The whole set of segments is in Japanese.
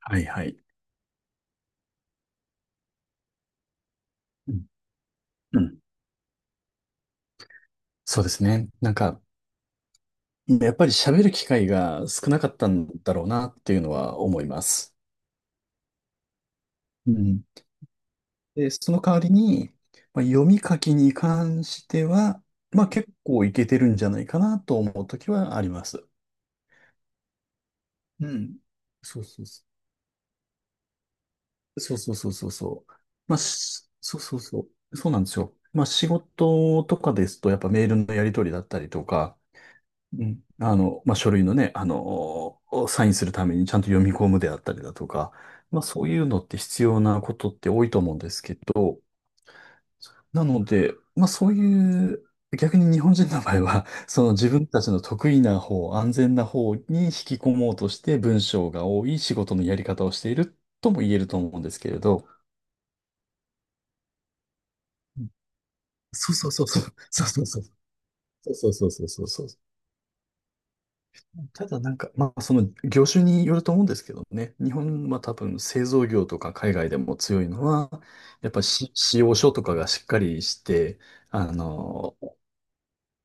はいはい。うんうん。そうですね。なんか、やっぱり喋る機会が少なかったんだろうなっていうのは思います。うん。で、その代わりに、まあ、読み書きに関しては、まあ結構いけてるんじゃないかなと思うときはあります。うん。そうそうそう。そうそうそうそうそう。まあ、そうそうそう。そうなんですよ。まあ仕事とかですと、やっぱメールのやり取りだったりとか、うん。あの、まあ、書類のね、あの、サインするためにちゃんと読み込むであったりだとか、まあ、そういうのって必要なことって多いと思うんですけど、なので、まあ、そういう、逆に日本人の場合は、その自分たちの得意な方、安全な方に引き込もうとして文章が多い仕事のやり方をしているとも言えると思うんですけれど、そうそうそうそう、そうそうそう、そうそうそうそうそうそう。ただなんか、まあ、その業種によると思うんですけどね、日本は多分製造業とか海外でも強いのは、やっぱし仕様書とかがしっかりして、あの、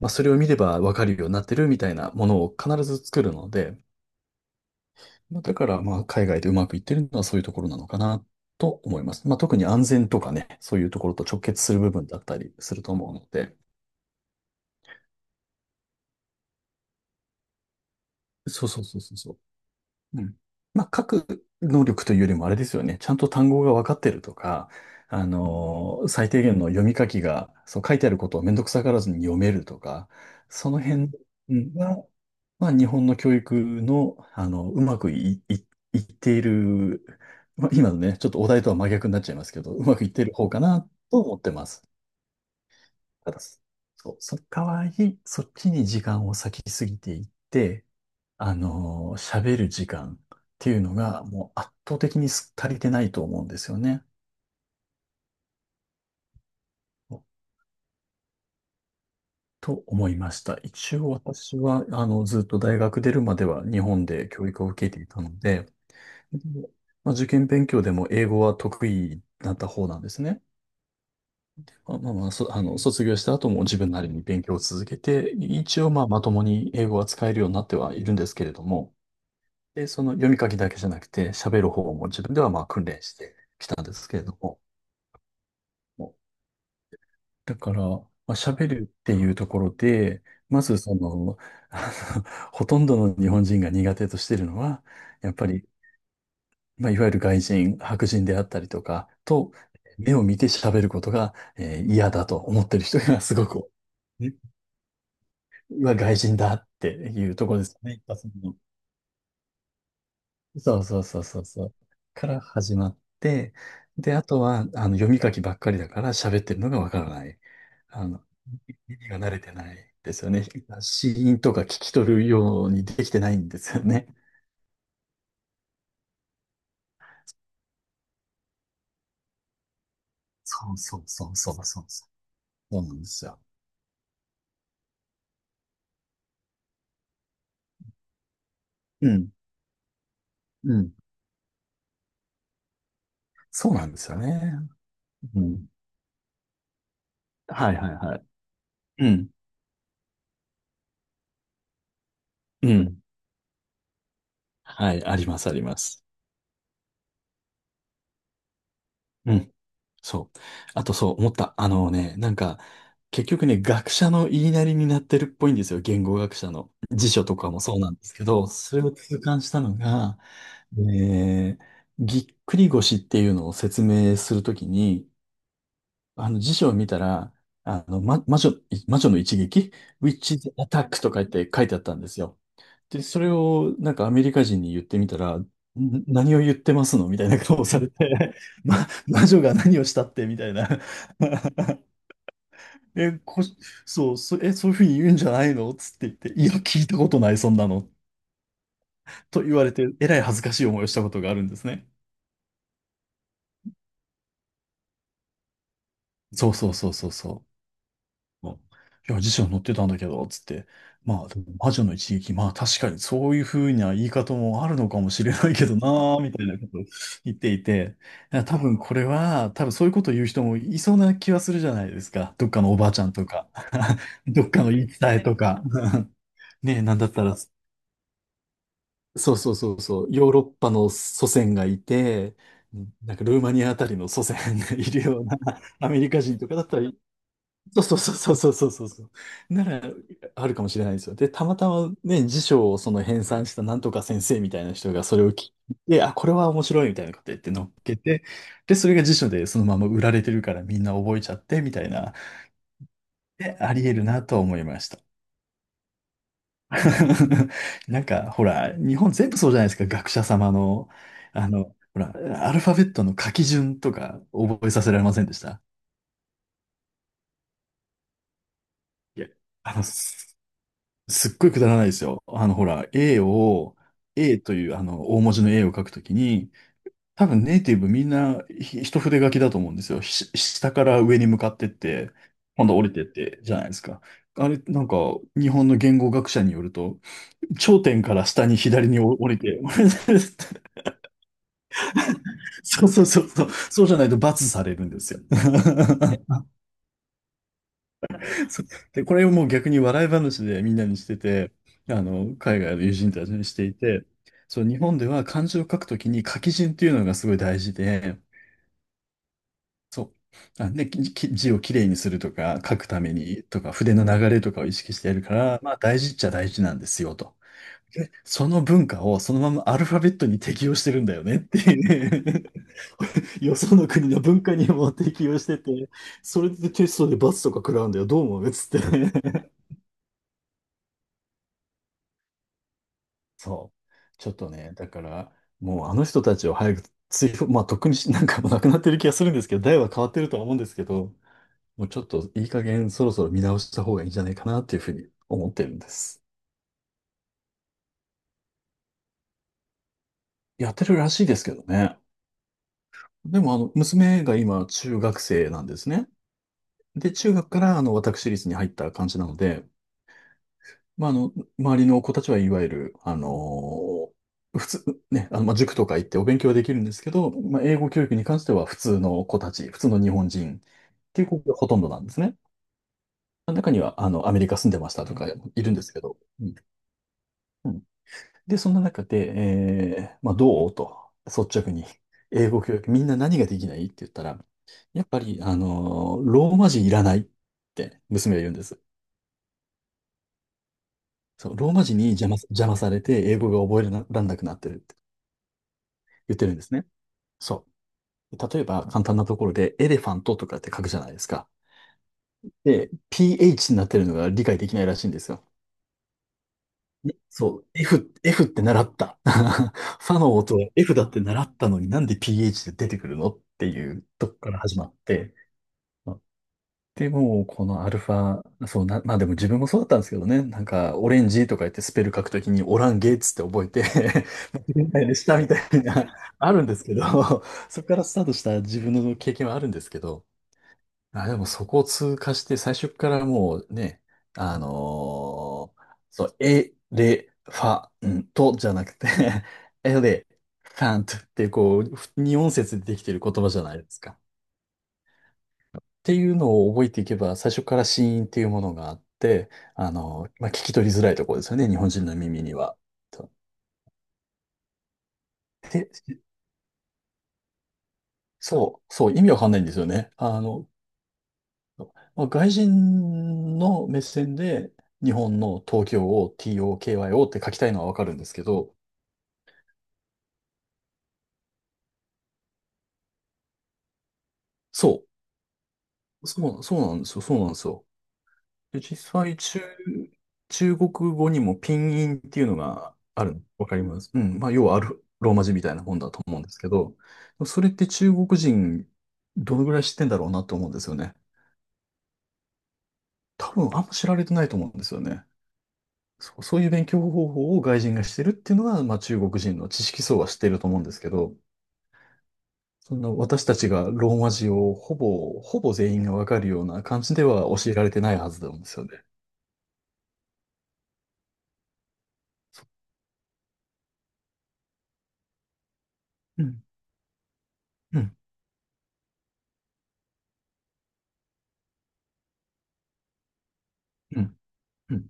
まあ、それを見ればわかるようになってるみたいなものを必ず作るので、まあ、だからまあ海外でうまくいってるのはそういうところなのかなと思います。まあ、特に安全とかね、そういうところと直結する部分だったりすると思うので、そうそうそうそう、うん。まあ、書く能力というよりもあれですよね。ちゃんと単語が分かってるとか、最低限の読み書きが、そう書いてあることをめんどくさがらずに読めるとか、その辺、うん、が、まあ、日本の教育の、あの、うまくい、い、いっている、まあ、今のね、ちょっとお題とは真逆になっちゃいますけど、うまくいってる方かなと思ってます。ただ、そう、その代わり、そっちに時間を割きすぎていって、喋る時間っていうのがもう圧倒的に足りてないと思うんですよね。と思いました。一応私は、あの、ずっと大学出るまでは日本で教育を受けていたので、でまあ、受験勉強でも英語は得意だった方なんですね。まあまあ、まあそ、あの、卒業した後も自分なりに勉強を続けて、一応まあまともに英語は使えるようになってはいるんですけれども、で、その読み書きだけじゃなくて喋る方も自分ではまあ訓練してきたんですけれども、だから、まあ、喋るっていうところで、まずその、あの、ほとんどの日本人が苦手としてるのは、やっぱり、まあ、いわゆる外人、白人であったりとかと、目を見て喋ることが、嫌だと思ってる人がすごく多い、ね、うわ、外人だっていうところですね。一発目の。そうそうそうそうそう。から始まって、で、あとは、あの、読み書きばっかりだから喋ってるのがわからない。あの耳が慣れてないですよね。死因とか聞き取るようにできてないんですよね。そうそうそうそうそうそう。そうなんですよ。うん。うん。そうなんですよね。うん。はいはいはい。うん。うん。はい。ありますあります。うん。そう。あとそう思った。あのね、なんか、結局ね、学者の言いなりになってるっぽいんですよ。言語学者の。辞書とかもそうなんですけど、それを痛感したのが、えーぎっくり腰っていうのを説明するときに、あの辞書を見たら、あの、魔女の一撃 ?Witch's Attack とか言って書いてあったんですよ。で、それをなんかアメリカ人に言ってみたら、何を言ってますのみたいな顔をされて、魔女が何をしたってみたいな。え、こ、そう、そ、え、そういうふうに言うんじゃないのつって言って、いや、聞いたことない、そんなの。と言われて、えらい恥ずかしい思いをしたことがあるんですね。そうそうそうそうそう。うん。いや、辞書に載ってたんだけど、つって。まあ、でも魔女の一撃、まあ確かにそういうふうな言い方もあるのかもしれないけどなーみたいなことを 言っていて、いや多分これは、多分そういうことを言う人もいそうな気はするじゃないですか。どっかのおばあちゃんとか、どっかの言い伝えとか。ねえ、なんだったら、そうそうそうそう、ヨーロッパの祖先がいて、なんかルーマニアあたりの祖先がいるような、アメリカ人とかだったら、そうそうそうそうそうそうそう。なら、あるかもしれないですよ。で、たまたまね、辞書をその編纂したなんとか先生みたいな人がそれを聞いて、あ、これは面白いみたいなこと言って乗っけて、で、それが辞書でそのまま売られてるからみんな覚えちゃってみたいな、で、あり得るなとは思いました。なんか、ほら、日本全部そうじゃないですか、学者様の、あの、ほら、アルファベットの書き順とか覚えさせられませんでした？いや、あの、すっごいくだらないですよ。あの、ほら、A を、A というあの、大文字の A を書くときに、多分ネイティブみんな一筆書きだと思うんですよ。下から上に向かってって、今度降りてって、じゃないですか。あれ、なんか、日本の言語学者によると、頂点から下に左に降りて、そうそうそうそう、そうじゃないと罰されるんですよ。そう。で、これをもう逆に笑い話でみんなにしてて、あの、海外の友人たちにしていて、そう、日本では漢字を書くときに書き順っていうのがすごい大事で、そう、あ、で、字をきれいにするとか、書くためにとか、筆の流れとかを意識してやるから、まあ大事っちゃ大事なんですよと。で、その文化をそのままアルファベットに適用してるんだよねっていう よその国の文化にも適用してて、それでテストで罰とか食らうんだよ、どう思うっつって。そう。ちょっとね、だから、もうあの人たちを早く追放、まあ、とっくになんかもうなくなってる気がするんですけど、代は変わってるとは思うんですけど、もうちょっといい加減そろそろ見直した方がいいんじゃないかなっていうふうに思ってるんです。やってるらしいですけどね。でも、あの、娘が今、中学生なんですね。で、中学から、私立に入った感じなので、まあ、あの、周りの子たちはいわゆる、ー普通、ね、まあ、塾とか行ってお勉強はできるんですけど、まあ、英語教育に関しては普通の日本人っていう子がほとんどなんですね。中には、アメリカ住んでましたとかいるんですけど。うん。うん。で、そんな中で、えー、まあ、どうと、率直に、英語教育、みんな何ができないって言ったら、やっぱり、ローマ字いらないって娘が言うんです。そう、ローマ字に邪魔されて英語が覚えられなくなってるって言ってるんですね。そう。例えば、簡単なところで、エレファントとかって書くじゃないですか。で、PH になってるのが理解できないらしいんですよ。ねそう。F って習った。ファの音は F だって習ったのになんで PH で出てくるのっていうとこから始まって、まあで、もうこのアルファ、そうな、まあでも自分もそうだったんですけどね、なんかオレンジとか言ってスペル書くときにオランゲーツって覚えて 間違えないでしたみたいな、あるんですけど、そこからスタートした自分の経験はあるんですけど、あ、でもそこを通過して最初からもうね、あのーそう、エレファントじゃなくて エレファントってこう、二音節でできてる言葉じゃないですか。っていうのを覚えていけば、最初から子音っていうものがあって、まあ、聞き取りづらいところですよね、日本人の耳には。とで、そう、意味わかんないんですよね。まあ、外人の目線で日本の東京を TOKYO って書きたいのはわかるんですけど、そそうなんですよ、そうなんですよ。で、実際、中国語にもピンインっていうのがあるの。わかります。うん。まあ、要はローマ字みたいなもんだと思うんですけど、それって中国人、どのぐらい知ってんだろうなと思うんですよね。多分、あんま知られてないと思うんですよね。そう、そういう勉強方法を外人がしてるっていうのは、まあ、中国人の知識層は知ってると思うんですけど、そんな私たちがローマ字をほぼ全員がわかるような感じでは教えられてないはずなんですよね。うん。うん。うん。うん。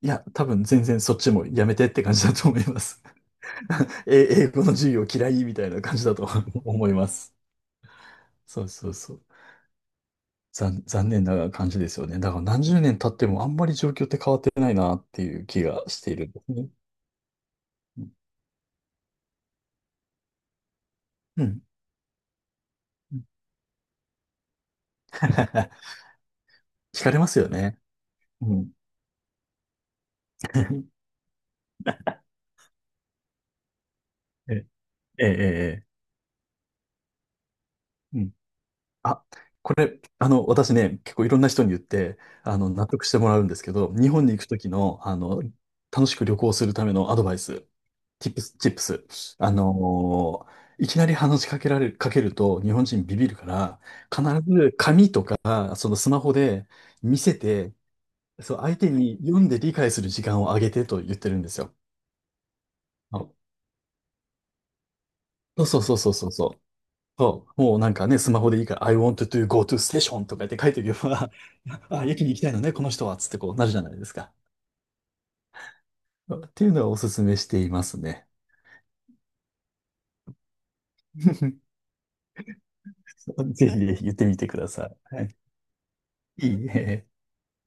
いや、多分全然そっちもやめてって感じだと思います。え、英語の授業嫌いみたいな感じだと 思います。そうそうそう。残念な感じですよね。だから何十年経ってもあんまり状況って変わってないなっていう気がしているんですね。うん。うん。 惹かれますよね。うん。え、ええ、ええ。うん。あ、これ、私ね、結構いろんな人に言って、納得してもらうんですけど、日本に行くときの、楽しく旅行するためのアドバイス、チップス。いきなり話しかけられる、かけると日本人ビビるから、必ず紙とか、そのスマホで見せて、そう、相手に読んで理解する時間をあげてと言ってるんですよ。あ、そうそうそうそうそうそう。そう、もうなんかね、スマホでいいから、I want to go to station とかって書いておけば、あ、駅に行きたいのね、この人は、つってこうなるじゃないですか。っていうのはおすすめしていますね。ぜひぜひ言ってみてください。はい、いいね。